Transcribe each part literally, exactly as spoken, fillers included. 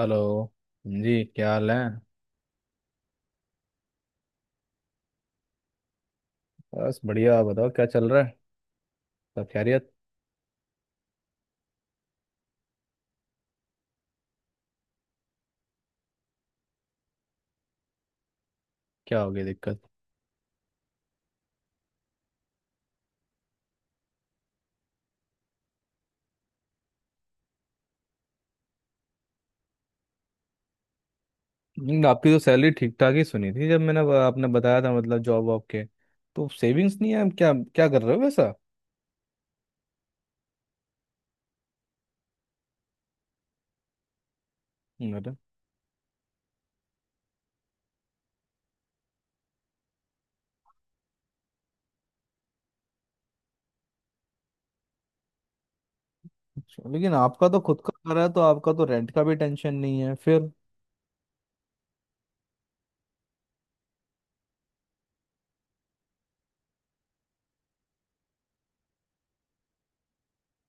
Hello जी, क्या हाल है? बस बढ़िया। आप बताओ, क्या चल रहा है? सब खैरियत? क्या हो गई दिक्कत? हम्म। आपकी तो सैलरी ठीक ठाक ही सुनी थी जब मैंने आपने बताया था, मतलब जॉब वॉब के। तो सेविंग्स नहीं है? आप क्या क्या कर रहे हो वैसा? अरे, अच्छा। लेकिन आपका तो खुद का घर है, तो आपका तो रेंट का भी टेंशन नहीं है फिर।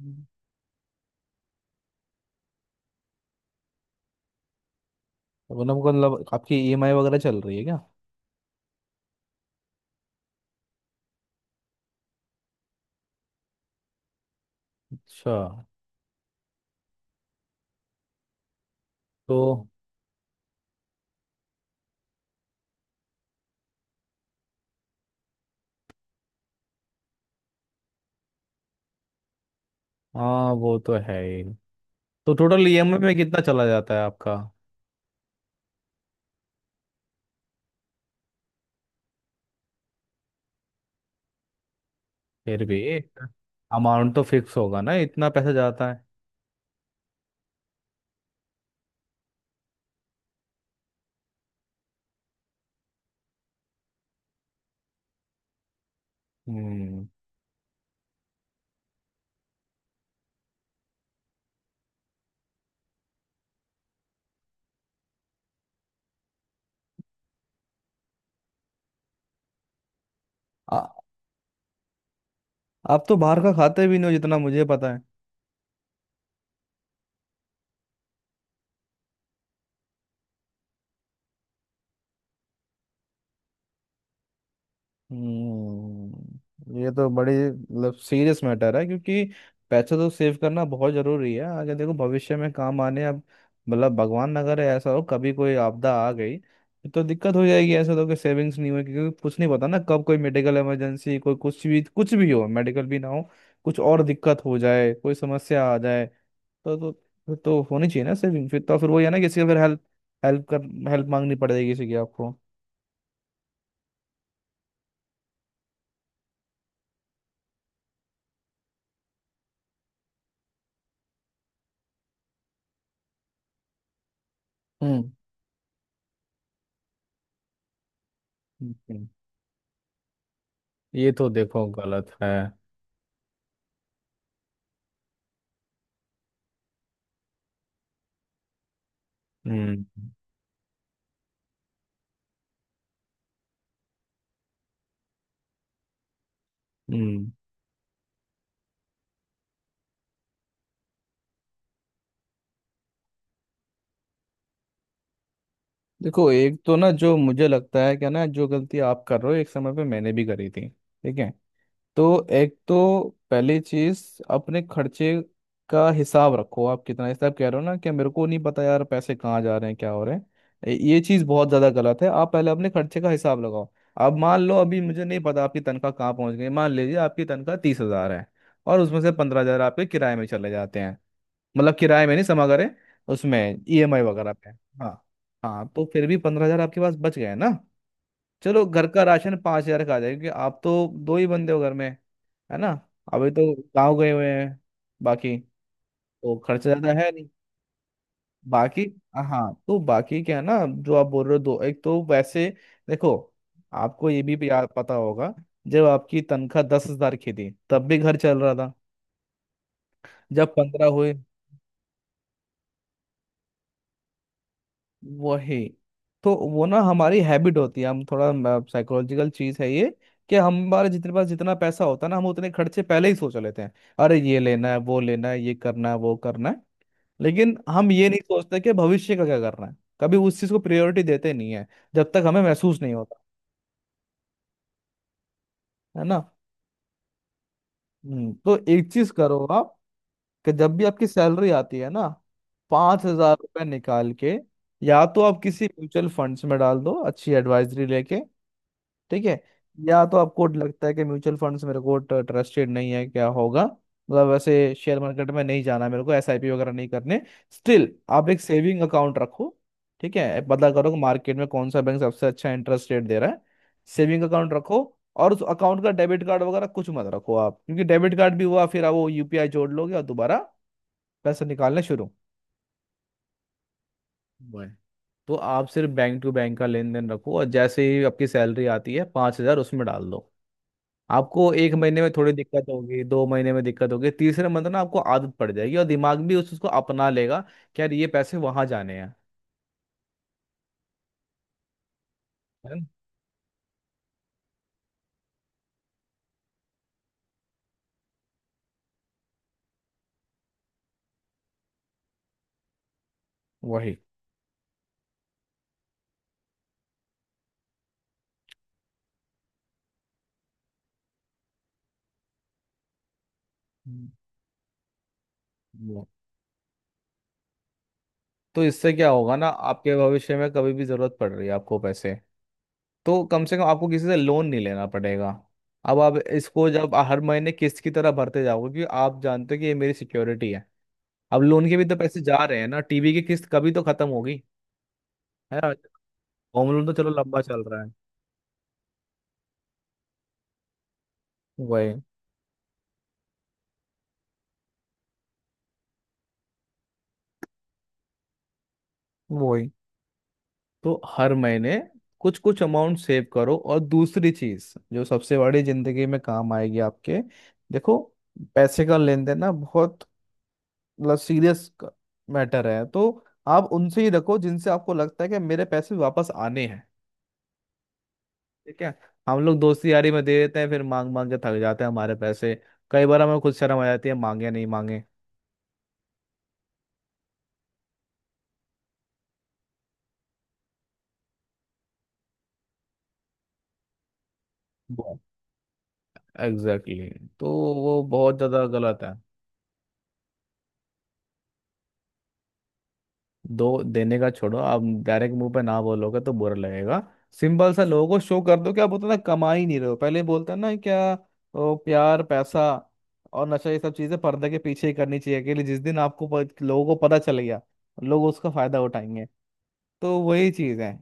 हम्म। मतलब मतलब आपकी ईएमआई वगैरह चल रही है क्या? अच्छा। तो हाँ, वो तो है ही। तो टोटल ईएमआई में कितना चला जाता है आपका? फिर भी अमाउंट तो फिक्स होगा ना, इतना पैसा जाता है। हम्म। आ- आप तो बाहर का खाते भी नहीं हो जितना मुझे पता है। हम्म, ये तो बड़ी मतलब सीरियस मैटर है, क्योंकि पैसा तो सेव करना बहुत जरूरी है। आगे देखो भविष्य में काम आने अब। मतलब भगवान ना करे ऐसा हो, कभी कोई आपदा आ गई तो दिक्कत हो जाएगी, ऐसा तो कि सेविंग्स नहीं हुई, क्योंकि कुछ नहीं पता ना कब कोई मेडिकल इमरजेंसी, कोई कुछ भी, कुछ भी हो, मेडिकल भी ना हो, कुछ और दिक्कत हो जाए, कोई समस्या आ जाए। तो तो फिर तो होनी चाहिए ना सेविंग, फिर तो फिर वही है ना, किसी का फिर हेल्प हेल्प कर हेल्प मांगनी पड़ेगी किसी की आपको। हम्म। हम्म, ये तो देखो गलत है। हम्म। हम्म। देखो, एक तो ना, जो मुझे लगता है क्या ना, जो गलती आप कर रहे हो एक समय पे मैंने भी करी थी, ठीक है? तो एक तो पहली चीज अपने खर्चे का हिसाब रखो। आप कितना हिसाब कह रहे हो ना कि मेरे को नहीं पता यार पैसे कहाँ जा रहे हैं, क्या हो रहे हैं। ये ये चीज बहुत ज्यादा गलत है। आप पहले अपने खर्चे का हिसाब लगाओ। अब मान लो अभी मुझे नहीं पता आपकी तनख्वाह कहाँ पहुंच गई, मान लीजिए आपकी तनख्वाह तीस हजार है, और उसमें से पंद्रह हजार आपके किराए में चले जाते हैं, मतलब किराए में नहीं, समा करें उसमें ईएमआई वगैरह पे। हाँ, हाँ, तो फिर भी पंद्रह हजार आपके पास बच गए ना। चलो घर का राशन पाँच हजार का आ जाएगा क्योंकि आप तो दो ही बंदे हो घर में, है ना? अभी तो गाँव गए हुए हैं बाकी। तो खर्चा ज्यादा है नहीं बाकी। हाँ, तो बाकी क्या है ना, जो आप बोल रहे हो दो एक तो वैसे देखो, आपको ये भी याद पता होगा जब आपकी तनख्वाह दस हजार की थी तब भी घर चल रहा था। जब पंद्रह हुए, वही। तो वो ना हमारी हैबिट होती है, हम थोड़ा साइकोलॉजिकल चीज है ये, कि हमारे जितने पास जितना पैसा होता है ना हम उतने खर्चे पहले ही सोच लेते हैं। अरे ये लेना है वो लेना है ये करना है वो करना है, लेकिन हम ये नहीं सोचते कि भविष्य का क्या करना है। कभी उस चीज को प्रायोरिटी देते नहीं है जब तक हमें महसूस नहीं होता। है ना? हम्म, तो एक चीज करो आप, कि जब भी आपकी सैलरी आती है ना, पांच हजार रुपये निकाल के या तो आप किसी म्यूचुअल फंड्स में डाल दो, अच्छी एडवाइजरी लेके, ठीक है? या तो आपको लगता है कि म्यूचुअल फंड्स मेरे को ट्रस्टेड नहीं है, क्या होगा, मतलब वैसे शेयर मार्केट में नहीं जाना मेरे को, एसआईपी वगैरह नहीं करने, स्टिल आप एक सेविंग अकाउंट रखो। ठीक है, पता करो कि मार्केट में कौन सा बैंक सबसे अच्छा इंटरेस्ट रेट दे रहा है। सेविंग अकाउंट रखो, और उस अकाउंट का डेबिट कार्ड वगैरह कुछ मत रखो आप, क्योंकि डेबिट कार्ड भी हुआ फिर आप वो यूपीआई जोड़ लोगे और दोबारा पैसे निकालना शुरू हुआ है। तो आप सिर्फ बैंक टू बैंक का लेन देन रखो, और जैसे ही आपकी सैलरी आती है पाँच हजार उसमें डाल दो। आपको एक महीने में थोड़ी दिक्कत होगी, दो महीने में दिक्कत होगी, तीसरे मंथ ना आपको आदत पड़ जाएगी और दिमाग भी उस उसको अपना लेगा कि यार ये पैसे वहां जाने हैं, है ना? वही। हम्म। वो। तो इससे क्या होगा ना, आपके भविष्य में कभी भी जरूरत पड़ रही है आपको पैसे, तो कम से कम आपको किसी से लोन नहीं लेना पड़ेगा। अब आप इसको जब हर महीने किस्त की तरह भरते जाओगे क्योंकि आप जानते हो कि ये मेरी सिक्योरिटी है। अब लोन के भी तो पैसे जा रहे हैं ना, टीवी की किस्त कभी तो खत्म होगी, है ना। होम लोन तो चलो लंबा चल रहा है। वही, वही। तो हर महीने कुछ कुछ अमाउंट सेव करो, और दूसरी चीज जो सबसे बड़ी जिंदगी में काम आएगी आपके, देखो, पैसे का लेन देन ना बहुत मतलब सीरियस मैटर है। तो आप उनसे ही रखो जिनसे आपको लगता है कि मेरे पैसे वापस आने हैं, ठीक है? हम लोग दोस्ती यारी में दे देते हैं फिर मांग मांग के थक जाते हैं, हमारे पैसे कई बार हमें खुद शर्म आ जाती है, मांगे नहीं मांगे। Exactly, exactly. तो वो बहुत ज्यादा गलत है। दो देने का छोड़ो, आप डायरेक्ट मुंह पे ना बोलोगे तो बुरा लगेगा, सिंपल सा लोगों को शो कर दो कि आप उतना कमा ही नहीं रहे हो। पहले बोलते हैं ना क्या, ओ, प्यार पैसा और नशा, ये सब चीजें पर्दे के पीछे ही करनी चाहिए अकेले। जिस दिन आपको प- लोगों को पता चल गया, लोग उसका फायदा उठाएंगे। तो वही चीज है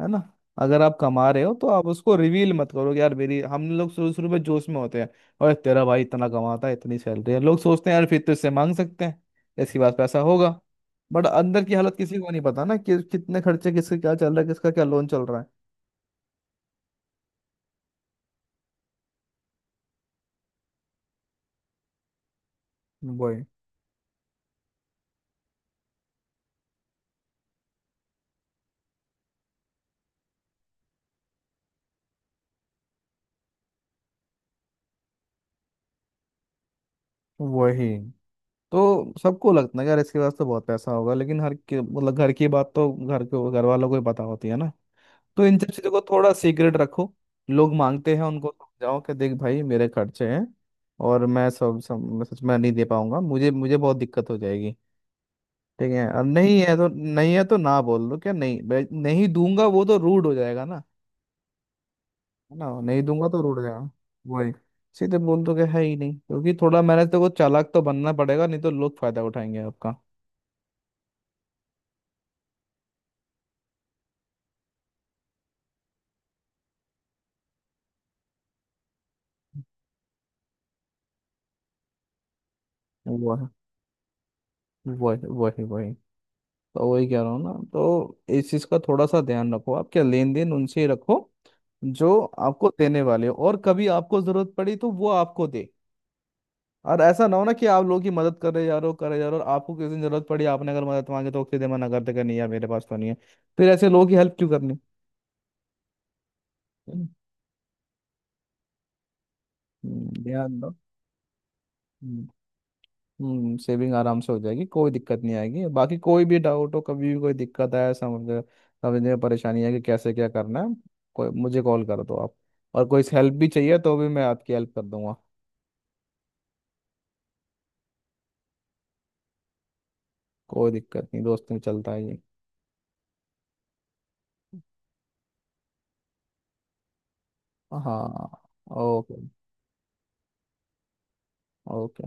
है ना? अगर आप कमा रहे हो तो आप उसको रिवील मत करो कि यार मेरी, हम लोग शुरू शुरू में जोश में होते हैं और तेरा भाई इतना कमाता है, इतनी सैलरी है, लोग सोचते हैं यार फिर तो इससे मांग सकते हैं, इसके पास पैसा होगा। बट अंदर की हालत किसी को नहीं पता ना, कि कितने खर्चे किसके क्या चल रहा है, किसका क्या लोन चल रहा है। वही, वही। तो सबको लगता है यार इसके पास तो बहुत पैसा होगा, लेकिन हर के मतलब घर की बात तो घर के घर वालों को ही पता होती है ना। तो इन सब चीजों को थोड़ा सीक्रेट रखो। लोग मांगते हैं उनको समझाओ कि देख भाई मेरे खर्चे हैं, और मैं सब सब सच में नहीं दे पाऊंगा, मुझे मुझे बहुत दिक्कत हो जाएगी, ठीक है? और नहीं है तो नहीं है तो ना बोल दो क्या, नहीं भाई, नहीं दूंगा वो तो रूड हो जाएगा ना। है ना, नहीं दूंगा तो रूड हो जाएगा। वही, सीधे बोल दो कि है ही नहीं, क्योंकि थोड़ा मेहनत तो को चालाक तो बनना पड़ेगा नहीं तो लोग फायदा उठाएंगे आपका। वही, वही, वही, वही। तो वही कह रहा हूँ ना, तो इस चीज़ का थोड़ा सा ध्यान रखो आप, क्या लेन देन उनसे ही रखो जो आपको देने वाले हो, और कभी आपको जरूरत पड़ी तो वो आपको दे। और ऐसा ना हो ना कि आप लोगों की मदद कर रहे जा रहे हो कर रहे जा रहे हो और आपको किसी दिन जरूरत पड़ी आपने अगर मदद मांगी तो सीधे मना कर देगा, नहीं यार मेरे पास तो नहीं है। फिर ऐसे लोगों की हेल्प क्यों करनी। है ना? हम्म, ध्यान दो। हम्म, सेविंग आराम से हो जाएगी, कोई दिक्कत नहीं आएगी। बाकी कोई भी डाउट हो कभी भी, कोई दिक्कत आए, समझ समझने में परेशानी है कि कैसे क्या करना है, कोई मुझे कॉल कर दो आप। और कोई हेल्प भी चाहिए तो भी मैं आपकी हेल्प कर दूंगा। कोई दिक्कत नहीं, दोस्त में चलता है ये। हाँ। ओके। ओके।